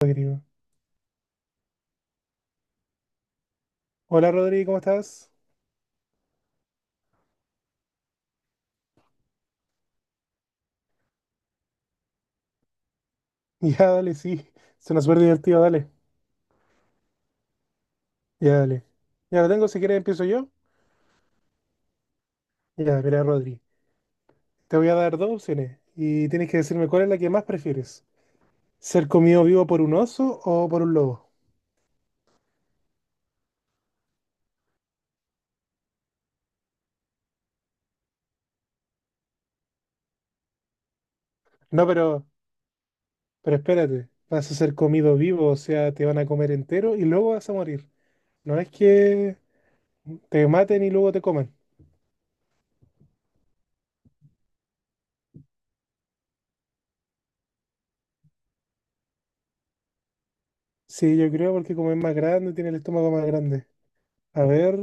Rodrigo. Hola Rodrigo, ¿cómo estás? Ya, dale, sí. Suena súper divertido, dale. Ya, dale. Ya lo tengo, si quieres empiezo yo. Ya, mira, Rodri. Te voy a dar dos opciones y tienes que decirme cuál es la que más prefieres. ¿Ser comido vivo por un oso o por un lobo? No, pero espérate. Vas a ser comido vivo, o sea, te van a comer entero y luego vas a morir. No es que te maten y luego te coman. Sí, yo creo porque como es más grande, tiene el estómago más grande. A ver,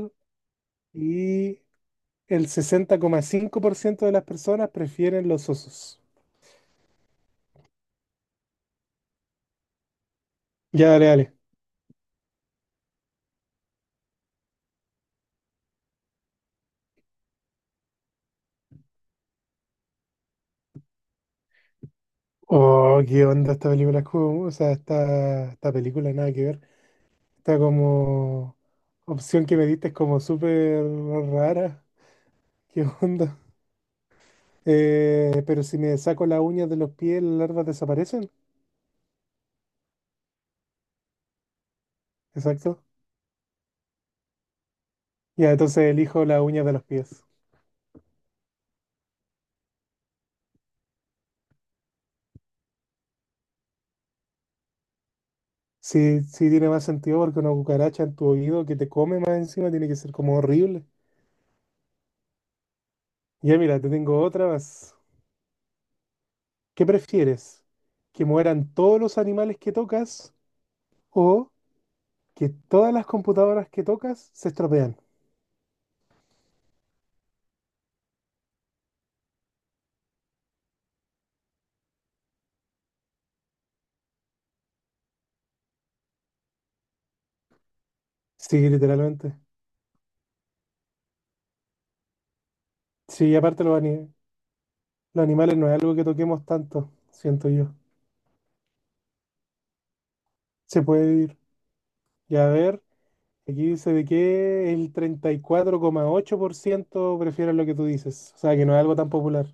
y... el 60,5% de las personas prefieren los osos. Ya, dale, dale. Oh, qué onda esta película, o sea, esta película nada que ver. Esta como opción que me diste es como súper rara. ¿Qué onda? Pero si me saco las uñas de los pies, las larvas desaparecen. Exacto. Ya, entonces elijo las uñas de los pies. Sí, sí tiene más sentido porque una cucaracha en tu oído que te come más encima tiene que ser como horrible. Ya, mira, te tengo otra más. ¿Qué prefieres? ¿Que mueran todos los animales que tocas o que todas las computadoras que tocas se estropean? Sí, literalmente. Sí, y aparte los animales no es algo que toquemos tanto, siento yo. Se puede vivir. Y a ver, aquí dice de que el 34,8% prefieren lo que tú dices. O sea, que no es algo tan popular.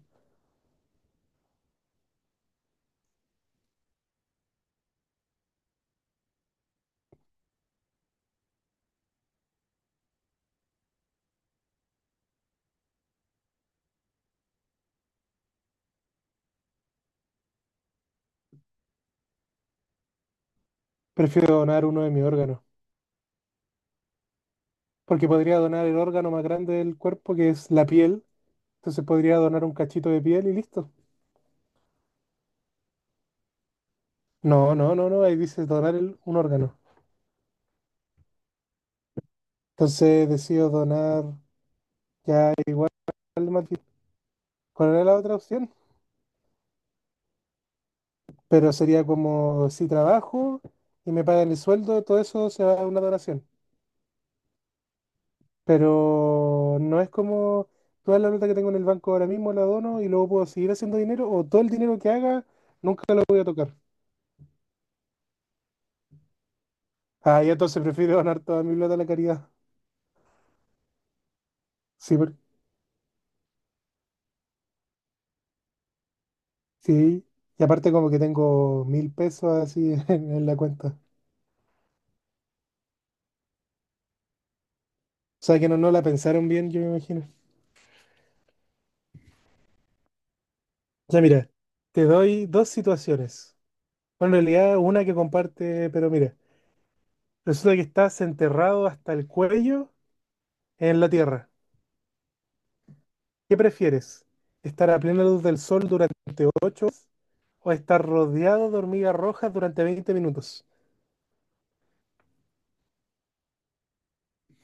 Prefiero donar uno de mis órganos, porque podría donar el órgano más grande del cuerpo, que es la piel. Entonces podría donar un cachito de piel y listo. No, no, no, no, ahí dice donar un órgano. Entonces decido donar ya igual más bien. ¿Cuál era la otra opción? Pero sería como si trabajo y me pagan el sueldo, todo eso se va a una donación. Pero no es como toda la plata que tengo en el banco ahora mismo la dono y luego puedo seguir haciendo dinero o todo el dinero que haga nunca lo voy a tocar. Ah, y entonces prefiero donar toda mi plata a la caridad. Sí, porque Sí, y aparte como que tengo 1.000 pesos así en la cuenta. O sea que no, no la pensaron bien, yo me imagino. Ya mira, te doy dos situaciones. Bueno, en realidad una que comparte, pero mira, resulta que estás enterrado hasta el cuello en la tierra. ¿Qué prefieres? ¿Estar a plena luz del sol durante 8 horas o estar rodeado de hormigas rojas durante 20 minutos?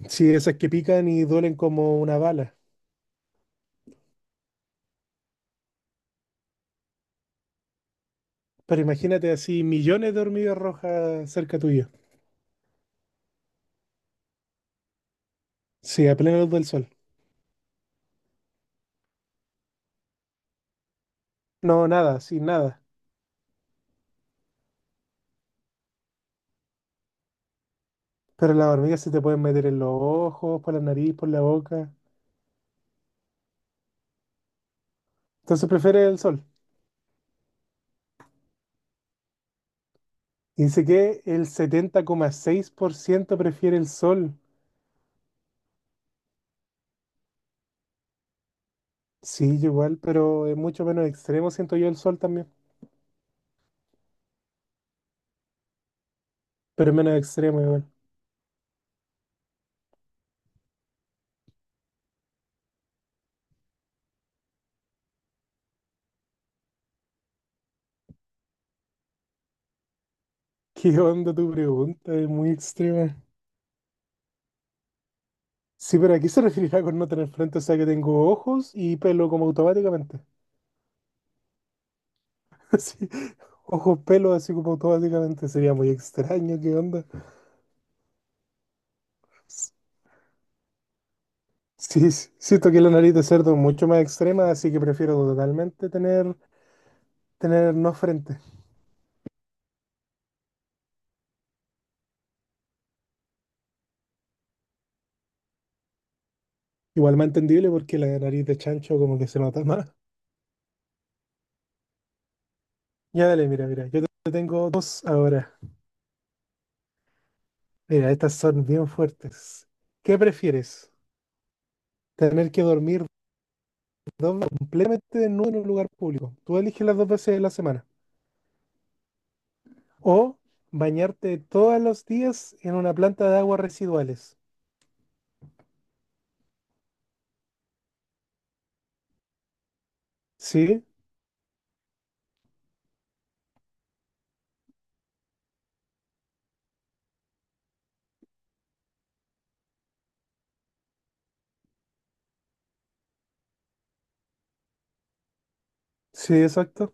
Sí, esas que pican y duelen como una bala. Pero imagínate así millones de hormigas rojas cerca tuyo. Sí, a plena luz del sol. No, nada, sin nada. Pero las hormigas se te pueden meter en los ojos, por la nariz, por la boca. Entonces prefiere el sol. Y dice que el 70,6% prefiere el sol. Sí, yo igual, pero es mucho menos extremo, siento yo el sol también. Pero es menos extremo igual. ¿Qué onda tu pregunta? Es muy extrema. Sí, pero aquí se referirá con no tener frente, o sea que tengo ojos y pelo como automáticamente. Sí, ojos, pelo así como automáticamente. Sería muy extraño, ¿qué onda? Sí, siento que la nariz de cerdo es mucho más extrema, así que prefiero totalmente tener no frente. Igual más entendible porque la nariz de chancho como que se nota más. Ya dale, mira, mira, yo te tengo dos ahora. Mira, estas son bien fuertes. ¿Qué prefieres? ¿Tener que dormir dos veces completamente desnudo en un lugar público? Tú eliges las dos veces de la semana. ¿O bañarte todos los días en una planta de aguas residuales? Sí, sí, exacto.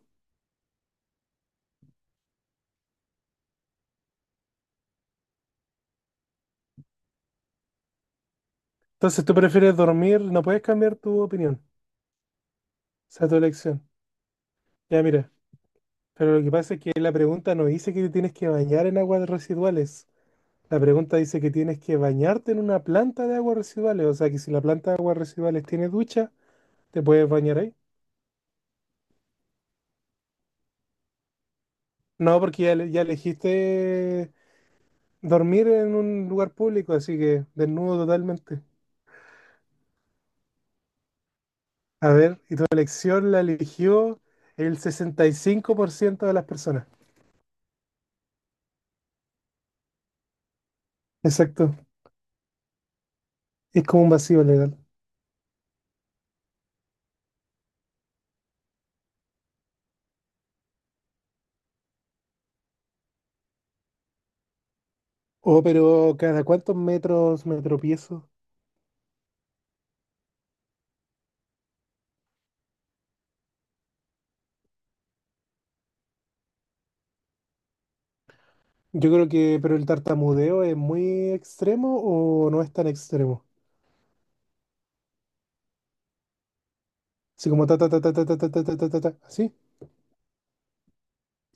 Entonces tú prefieres dormir, no puedes cambiar tu opinión. Esa es tu elección. Ya mira, pero lo que pasa es que la pregunta no dice que te tienes que bañar en aguas residuales. La pregunta dice que tienes que bañarte en una planta de aguas residuales. O sea que si la planta de aguas residuales tiene ducha, te puedes bañar ahí. No, porque ya, ya elegiste dormir en un lugar público, así que desnudo totalmente. A ver, y tu elección la eligió el 65% de las personas. Exacto. Es como un vacío legal. Oh, pero ¿cada cuántos metros me tropiezo? Yo creo pero el tartamudeo es muy extremo o no es tan extremo. Así como ta ta ta ta ta ta ta ta ta ta ta, ta, así.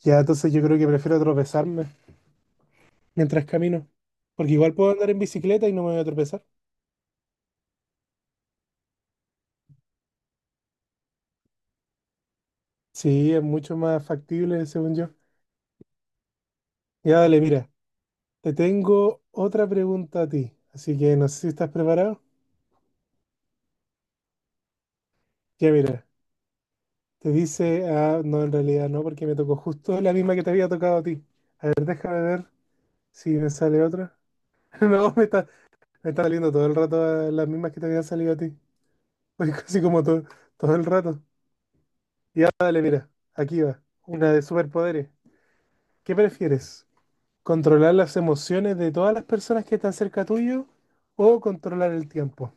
Ya, entonces yo creo que prefiero tropezarme mientras camino. Porque igual puedo andar en bicicleta y no me voy a tropezar. Sí, es mucho más factible, según yo. Ya, dale, mira. Te tengo otra pregunta a ti. Así que no sé si estás preparado. Ya, mira. Te dice, ah, no, en realidad no, porque me tocó justo la misma que te había tocado a ti. A ver, déjame ver si me sale otra. No, me está, me está saliendo todo el rato las mismas que te habían salido a ti. Pues casi como todo el rato. Y ahora dale, mira, aquí va. Una de superpoderes. ¿Qué prefieres? ¿Controlar las emociones de todas las personas que están cerca tuyo o controlar el tiempo?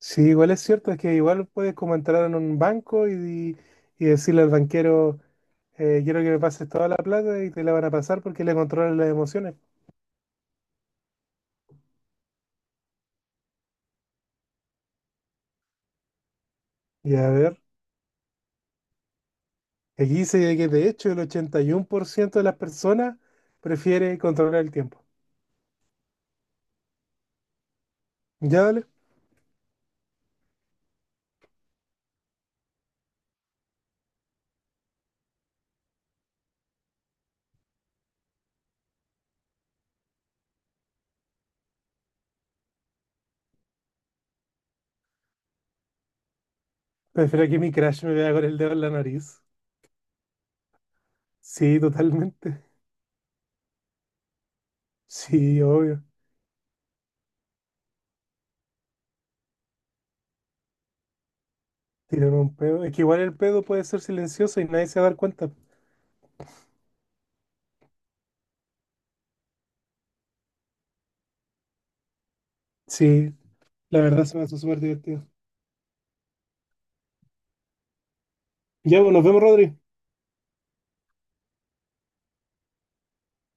Sí, igual es cierto, es que igual puedes como entrar en un banco y decirle al banquero, quiero que me pases toda la plata y te la van a pasar porque le controlan las emociones. Y a ver, aquí dice que de hecho el 81% de las personas prefiere controlar el tiempo. Ya vale. Prefiero que mi crush me vea con el dedo en la nariz. Sí, totalmente. Sí, obvio. Tiraron un pedo. Es que igual el pedo puede ser silencioso y nadie se va a dar cuenta. Sí, la verdad se me hace súper divertido. Ya, pues nos vemos, Rodri.